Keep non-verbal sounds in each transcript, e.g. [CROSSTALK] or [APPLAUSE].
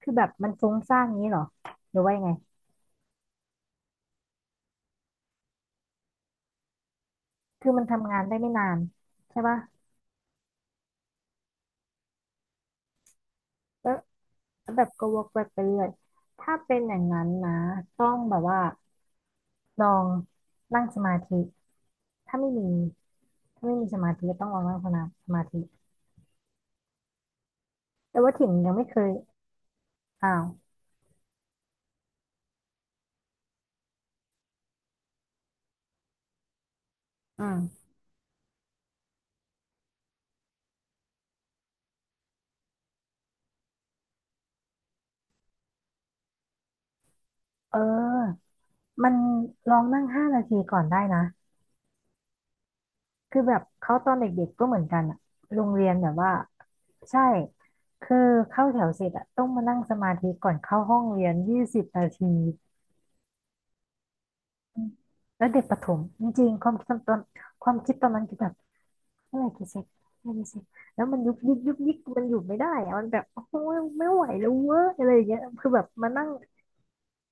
คือแบบมันฟุ้งซ่านงี้เหรอหรือว่ายังไงคือมันทำงานได้ไม่นานใช่ปะแล้วแล้วแบบก็วกไปเรื่อยถ้าเป็นอย่างนั้นนะต้องแบบว่าลองนั่งสมาธิถ้าไม่มีถ้าไม่มีสมาธิก็ต้องลองนั่งสมาธิแต่ว่าถิ่นยังไม่เคยอ้าวอืมเออมันลองนั่งห้านาทีก่อนได้นะ คือแบบเขาตอนเด็กๆก็เหมือนกันอะโรงเรียนแบบว่าใช่คือเข้าแถวเสร็จอะต้องมานั่งสมาธิก่อนเข้าห้องเรียน20 นาทีอืมแล้วเด็กประถมจริงๆความคิดตอนความคิดตอนนั้นคือแบบเมื่อไหร่จะเสร็จเมื่อไหร่จะเสร็จแล้วมันยุบยิบยุบยิบมันอยู่ไม่ได้อะมันแบบโอ้ยไม่ไหวแล้วเว้ยอะไรอย่างเงี้ยคือแบบมานั่ง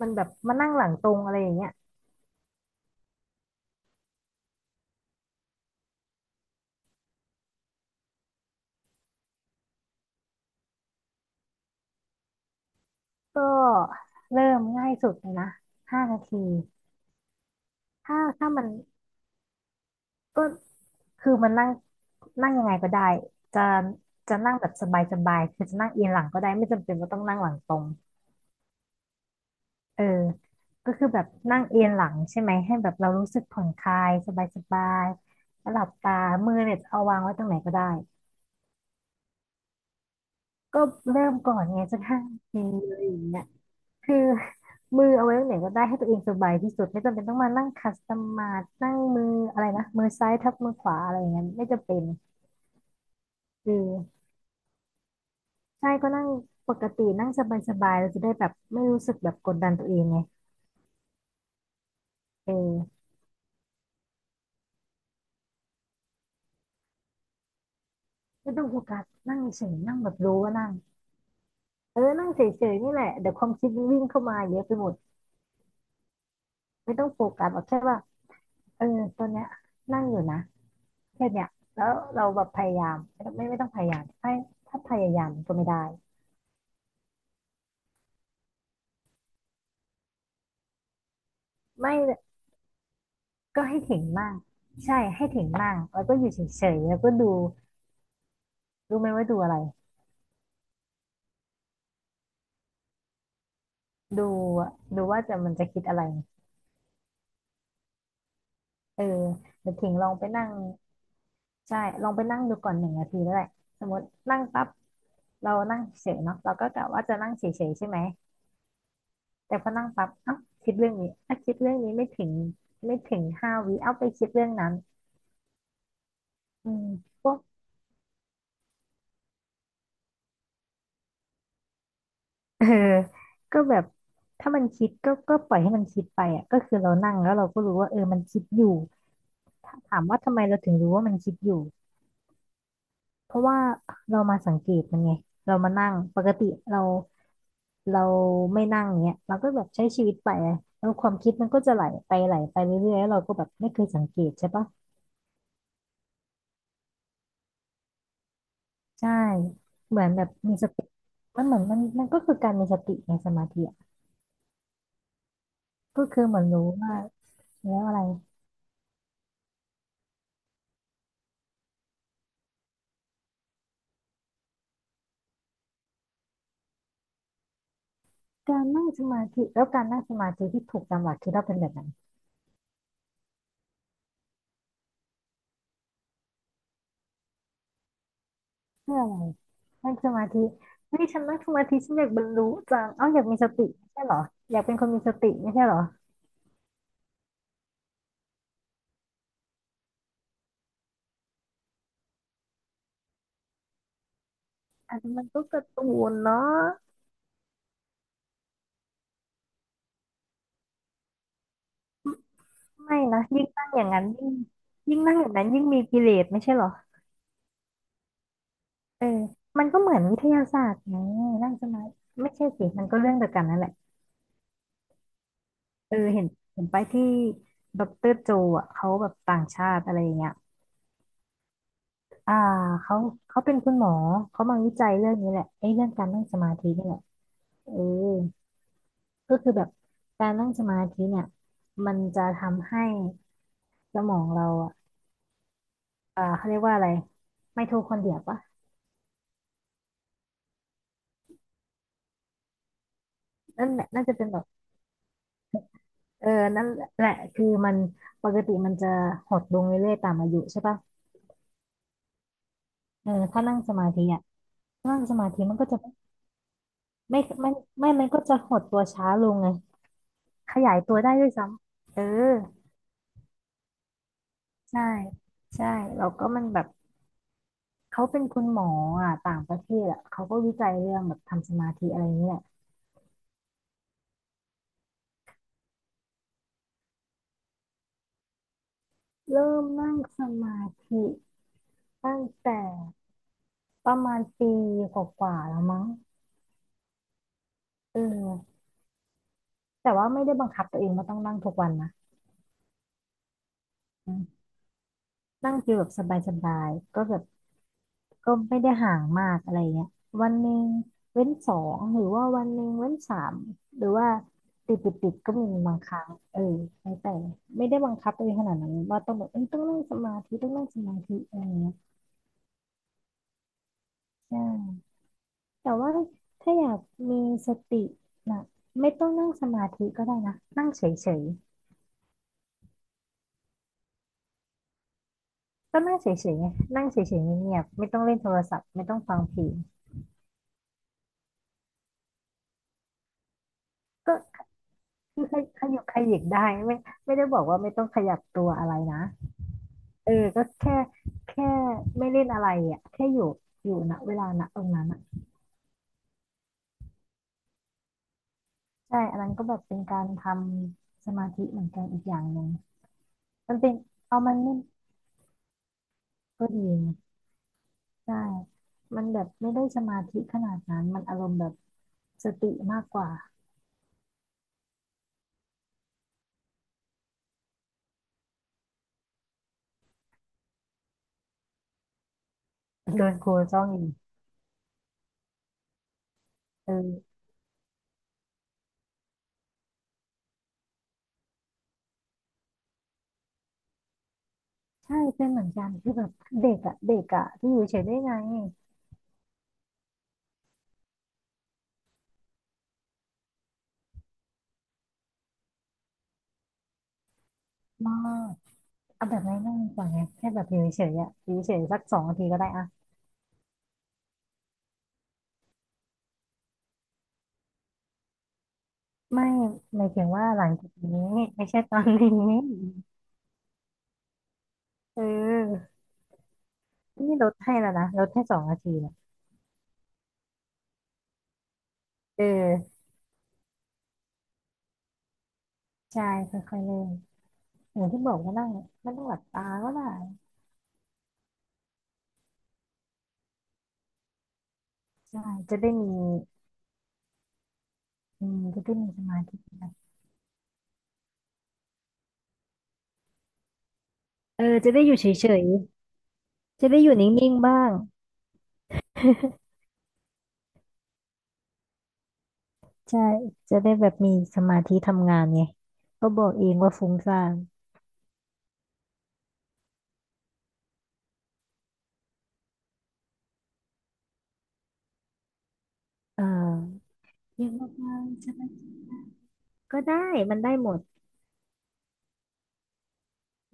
มันแบบมานั่งหลังตรงอะไรอย่างเงี้ยก็เริ่มง่ายสุดเลยนะห้านาทีถ้ามัน ก็คือมันนั่งนั่งยังไงก็ได้จะจะนั่งแบบสบายๆคือจะนั่งเอียงหลังก็ได้ไม่จำเป็นว่าต้องนั่งหลังตรงเออก็คือแบบนั่งเอียงหลังใช่ไหมให้แบบเรารู้สึกผ่อนคลายสบายๆแล้วหลับตามือเนี่ยเอาวางไว้ตรงไหนก็ได้ก็เริ่มก่อนไงจะนั่งองเลยอย่างเงี้ยคือ [LAUGHS] มือเอาไว้ตรงไหนก็ได้ให้ตัวเองสบายที่สุดไม่จำเป็นต้องมานั่งคัสตอมมานั่งมืออะไรนะมือซ้ายทับมือขวาอะไรอย่างเงี้ยไม่จำเป็นคือ ใช่ก็นั่งปกตินั่งสบายๆเราจะได้แบบไม่รู้สึกแบบกดดันตัวเองไงเออไม่ต้องโฟกัสนั่งเฉยๆนั่งแบบรู้ว่านั่งเออนั่งเฉยๆนี่แหละเดี๋ยวความคิดมันวิ่งเข้ามาเยอะไปหมดไม่ต้องโฟกัสแบบแค่ว่าเออตอนเนี้ยนั่งอยู่นะแค่เนี้ยแล้วเราแบบพยายามไม่ต้องพยายามให้ถ้าพยายามก็ไม่ได้ไม่ก็ให้ถึงมากใช่ให้ถึงมากแล้วก็อยู่เฉยๆแล้วก็ดูรู้ไหมว่าดูอะไรดูดูว่าจะมันจะคิดอะไรเออเดี๋ยวถิงลองไปนั่ง ใช่ลองไปนั่งดูก่อน1 นาทีแล้วแหละสมมตินั่งปั๊บเรานั่งเฉยเนาะเราก็กะว่าจะนั่งเฉยๆใช่ไหมแต่พอนั่งปั๊บเอ้าคิดเรื่องนี้อ่ะคิดเรื่องนี้ไม่ถึง5 วิเอาไปคิดเรื่องนั้นอืมพวกเออก็แบบถ้ามันคิดก็ก็ปล่อยให้มันคิดไปอ่ะก็คือเรานั่งแล้วเราก็รู้ว่าเออมันคิดอยู่ถามว่าทำไมเราถึงรู้ว่ามันคิดอยู่เพราะว่าเรามาสังเกตมันไงเรามานั่งปกติเรา เราไม่นั่งเนี้ยเราก็แบบใช้ชีวิตไปแล้วความคิดมันก็จะไหลไปไหลไปเรื่อยๆแล้วเราก็แบบไม่เคยสังเกตใช่ปะใช่เหมือนแบบมีสติมันเหมือนมันก็คือการมีสติในสมาธิอะก็คือเหมือนรู้ว่าแล้วอะไรการนั่งสมาธิแล้วการนั่งสมาธิที่ถูกตามหลักคิดว่าเป็นแบบไหนเพื่ออะไรนั่งสมาธิเฮ้ยฉันนั่งสมาธิฉันอยากบรรลุจังเอ้าอยากมีสติไม่ใช่เหรออยากเป็นคนมีสติไม่ใช่เหรออันนี้มันก็การะตูนเนาะ ไม่นะยิ่งนั่งอย่างนั้นยิ่งยิ่งนั่งอย่างนั้นยิ่งมีกิเลสไม่ใช่เหรอเออมันก็เหมือนวิทยาศาสตร์ไงนั่งสมาธิไม่ใช่สิมันก็เรื่องเดียวกันนั่นแหละเออเห็นไปที่ดอกเตอรโจอ่ะเขาแบบต่างชาติอะไรอย่างเงี้ยอ่าเขาเขาเป็นคุณหมอเขามาวิจัยเรื่องนี้แหละไอ้เรื่องการนั่งสมาธินี่แหละเออก็คือแบบการนั่งสมาธิเนี่ยมันจะทำให้สมองเราอ่ะอ่าเขาเรียกว่าอะไรไมโทคอนเดรียปะนั่นแหละน่าจะเป็นแบบ เออนั่นแหละคือมันปกติมันจะหดลงเรื่อยๆตามอายุใช่ปะเออถ้านั่งสมาธิอ่ะนั่งสมาธิมันก็จะไม่ไม่ไม่มันก็จะหดตัวช้าลงไงขยายตัวได้ด้วยซ้ำ เออใช่ ใช่ แล้วก็มันแบบเขาเป็นคุณหมออ่ะต่างประเทศอ่ะเขาก็วิจัยเรื่องแบบทำสมาธิอะไรเงี้ยเริ่มนั่งสมาธิตั้งแต่ประมาณปีกว่าๆแล้วมั้งเออแต่ว่าไม่ได้บังคับตัวเองว่าต้องนั่งทุกวันนะ นั่งฟิลแบบสบายๆก็แบบก็ไม่ได้ห่างมากอะไรเงี้ยวันหนึ่งเว้นสองหรือว่าวันหนึ่งเว้นสามหรือว่าติดก็มีบางครั้งเออแล้วแต่ไม่ได้บังคับตัวเองขนาดนั้นว่าต้องแบบเอ้ยต้องนั่งสมาธิต้องนั่งสมาธิอะไรเงี้ยใช่แต่ว่าถ้าอยากมีสตินะไม่ต้องนั่งสมาธิก็ได้นะนั่งเฉยๆก็นั่งเฉยๆไงนั่งเฉยๆเงียบๆไม่ต้องเล่นโทรศัพท์ไม่ต้องฟังเพลงก็ คือขยับขยิกได้ไม่ไม่ได้บอกว่าไม่ต้องขยับตัวอะไรนะเออก็แค่ไม่เล่นอะไรอ่ะแค่อยู่ณเวลาณตรงนั้นอ่ะใช่อันนั้นก็แบบเป็นการทำสมาธิเหมือนกันอีกอย่างหนึ่งมันเป็นเอามันเล่นก็ดีนะใช่มันแบบไม่ได้สมาธิขนาดนั้นมันอารมณ์แบบสติมากกว่าโดนครูจ้องอีกเออใช่เป็นเหมือนกันคือแบบเด็กอ่ะที่อยู่เฉยได้ไงมาก เอาแบบง่ายๆก่อนไงแค่แบบอยู่เฉยๆสักสองนาทีก็ได้อะไม่หมายถึงว่าหลังจากนี้ไม่ใช่ตอนนี้ [LAUGHS] เออนี่ลดให้แล้วนะลดให้สองนาทีเนี่ยเออใช่ค่อยๆเริ่มอย่างที่บอกว่านั่งไม่ต้องหลับตาก็ได้ใช่จะได้มีอืมจะได้มีสมาธินะเออจะได้อยู่เฉยๆจะได้อยู่นิ่งๆบ้างใช่จะได้แบบมีสมาธิทำงานไงก็บอกเองว่าฟุ้งซ่านอ่าเรียกว่าบ้างใช่ไหม ก็ได้มันได้หมด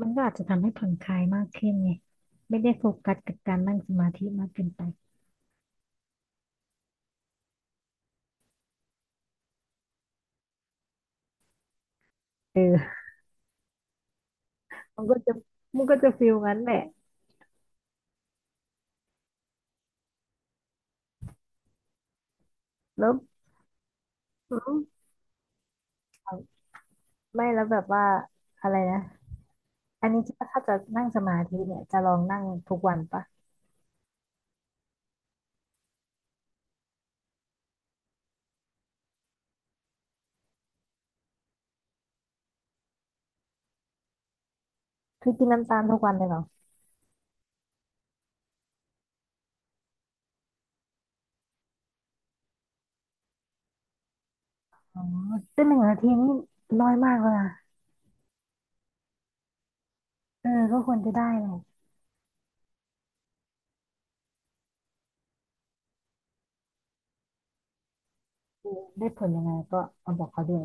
มันก็อาจจะทำให้ผ่อนคลายมากขึ้นไงไม่ได้โฟกัสกับการนั่งสมาธิมากเกินไปเออมันก็จะมันก็จะฟิลงั้นแหละแล้วแล้วไม่แล้วแบบว่าอะไรนะอันนี้ถ้าจะนั่งสมาธิเนี่ยจะลองนั่งทุกวันปะคือกินน้ำตาลทุกวันเลยเหรออ๋อซึ่ง1 นาทีนี่น้อยมากเลยนะเออก็ควรจะได้เลยได้ผลยังไงก็เอาบอกเขาด้วย